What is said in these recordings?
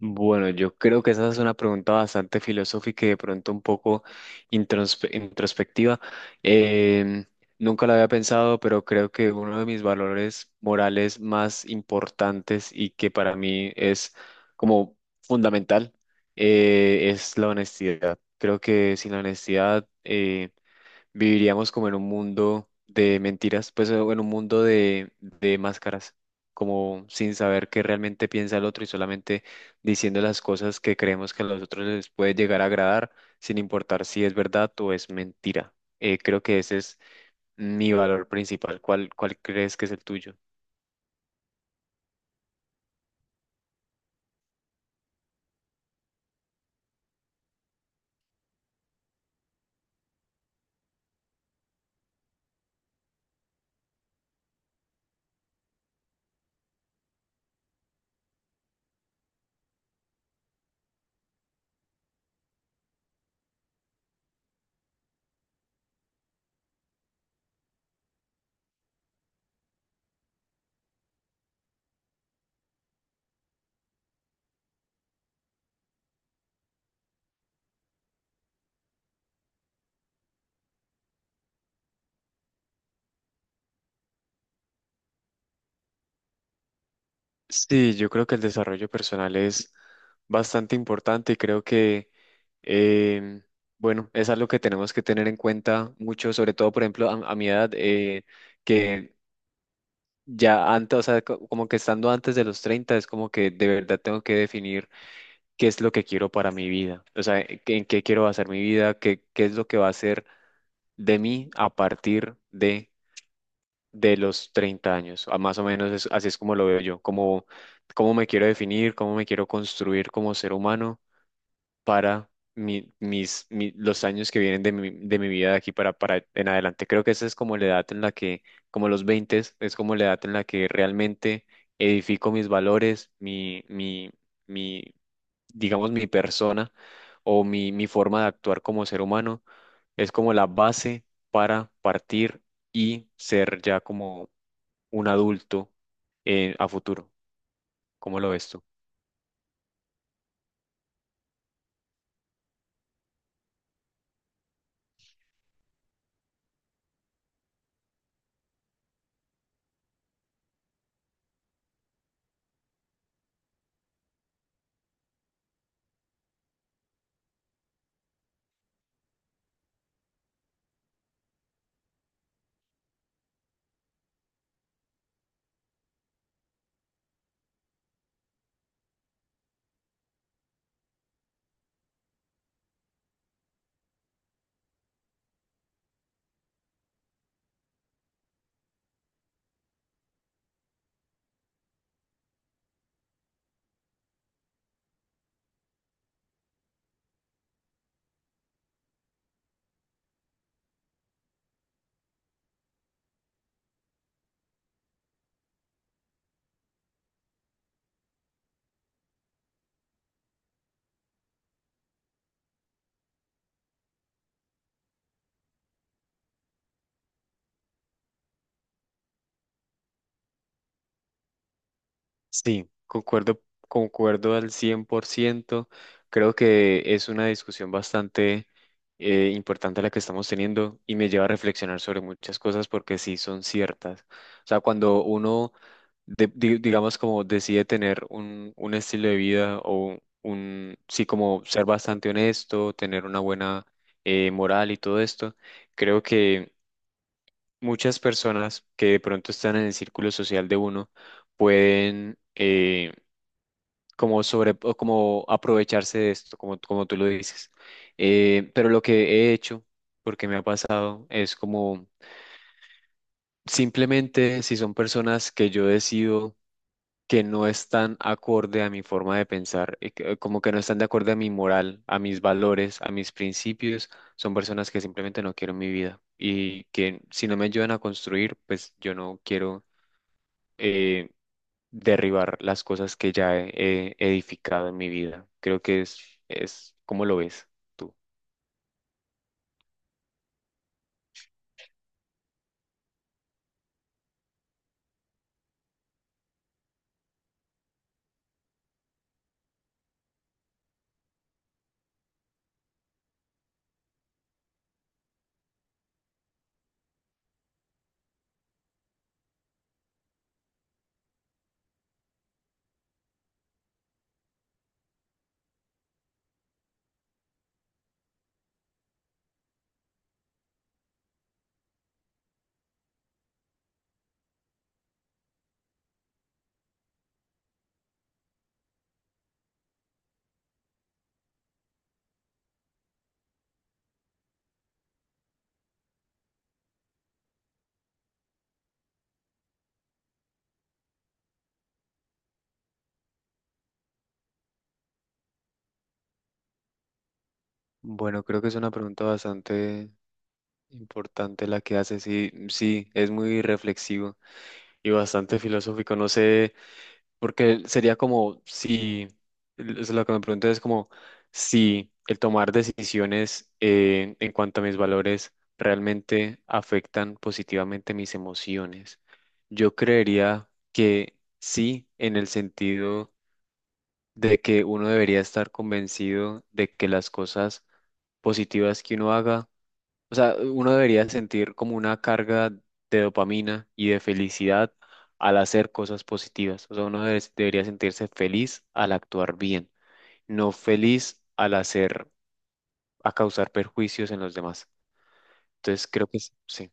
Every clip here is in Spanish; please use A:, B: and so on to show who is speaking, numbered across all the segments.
A: Bueno, yo creo que esa es una pregunta bastante filosófica y de pronto un poco introspectiva. Em, Nunca la había pensado, pero creo que uno de mis valores morales más importantes y que para mí es como fundamental es la honestidad. Creo que sin la honestidad viviríamos como en un mundo de mentiras, pues, o en un mundo de máscaras, como sin saber qué realmente piensa el otro y solamente diciendo las cosas que creemos que a los otros les puede llegar a agradar, sin importar si es verdad o es mentira. Creo que ese es mi valor principal. ¿Cuál crees que es el tuyo? Sí, yo creo que el desarrollo personal es bastante importante y creo que, em, bueno, es algo que tenemos que tener en cuenta mucho, sobre todo, por ejemplo, a mi edad, que ya antes, o sea, como que estando antes de los 30 es como que de verdad tengo que definir qué es lo que quiero para mi vida, o sea, en qué quiero basar mi vida, qué es lo que va a ser de mí a partir de los 30 años. A Más o menos así es como lo veo yo, como cómo me quiero definir, cómo me quiero construir como ser humano para los años que vienen de mi vida de aquí para en adelante. Creo que esa es como la edad en la que, como los 20 es como la edad en la que realmente edifico mis valores, mi, digamos, mi persona o mi forma de actuar como ser humano. Es como la base para partir y ser ya como un adulto a futuro. ¿Cómo lo ves tú? Sí, concuerdo al 100%. Creo que es una discusión bastante importante la que estamos teniendo y me lleva a reflexionar sobre muchas cosas porque sí son ciertas. O sea, cuando uno, digamos, como decide tener un estilo de vida o un, sí, como ser bastante honesto, tener una buena moral y todo esto, creo que muchas personas que de pronto están en el círculo social de uno pueden como sobre o como aprovecharse de esto, como, como tú lo dices. Pero lo que he hecho, porque me ha pasado, es como simplemente si son personas que yo decido que no están acorde a mi forma de pensar, como que no están de acuerdo a mi moral, a mis valores, a mis principios, son personas que simplemente no quiero en mi vida y que si no me ayudan a construir, pues yo no quiero eh, derribar las cosas que ya he edificado en mi vida. Creo que es, ¿cómo lo ves tú? Bueno, creo que es una pregunta bastante importante la que haces y sí, es muy reflexivo y bastante filosófico. No sé. Porque sería como si, es lo que me pregunto es como si el tomar decisiones en cuanto a mis valores realmente afectan positivamente mis emociones. Yo creería que sí, en el sentido de que uno debería estar convencido de que las cosas positivas que uno haga, o sea, uno debería sentir como una carga de dopamina y de felicidad al hacer cosas positivas. O sea, debería sentirse feliz al actuar bien, no feliz al hacer, a causar perjuicios en los demás. Entonces, creo que sí.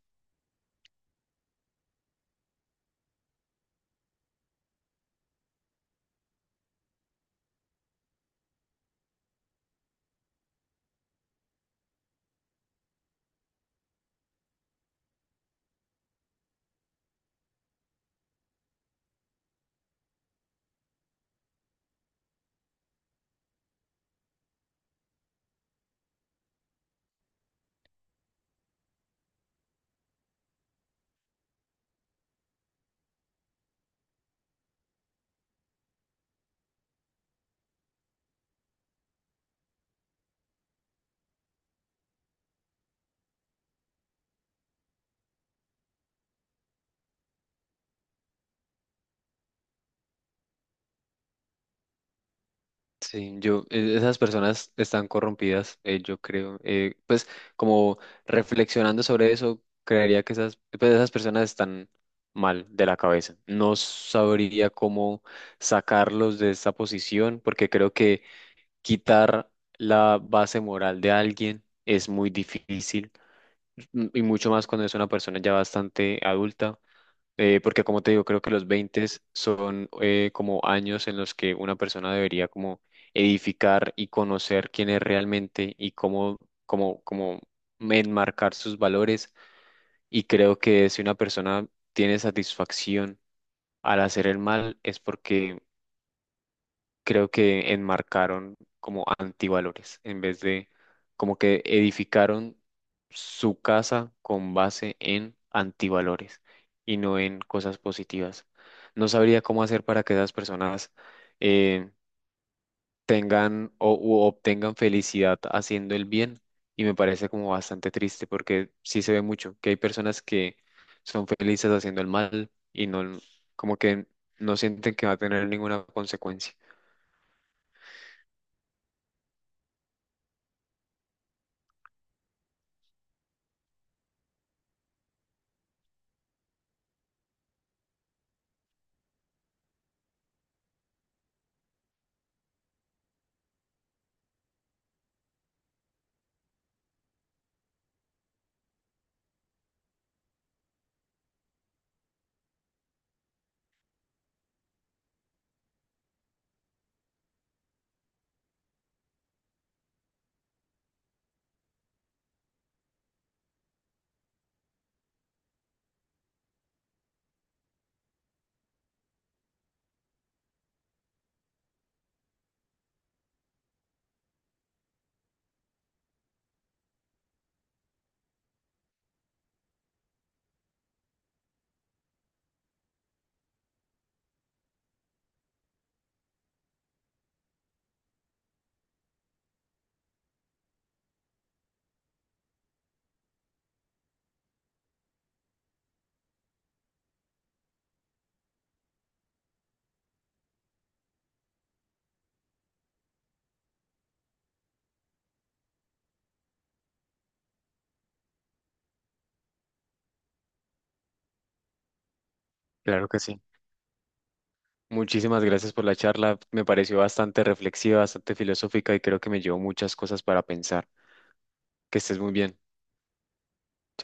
A: Sí, yo, esas personas están corrompidas, yo creo. Pues como reflexionando sobre eso, creería que esas, pues, esas personas están mal de la cabeza. No sabría cómo sacarlos de esa posición, porque creo que quitar la base moral de alguien es muy difícil, y mucho más cuando es una persona ya bastante adulta. Porque como te digo, creo que los 20 son como años en los que una persona debería como edificar y conocer quién es realmente y cómo enmarcar sus valores. Y creo que si una persona tiene satisfacción al hacer el mal es porque creo que enmarcaron como antivalores, en vez de como que edificaron su casa con base en antivalores y no en cosas positivas. No sabría cómo hacer para que esas personas eh, tengan o u obtengan felicidad haciendo el bien, y me parece como bastante triste porque sí se ve mucho que hay personas que son felices haciendo el mal y no como que no sienten que va a tener ninguna consecuencia. Claro que sí. Muchísimas gracias por la charla. Me pareció bastante reflexiva, bastante filosófica y creo que me llevó muchas cosas para pensar. Que estés muy bien.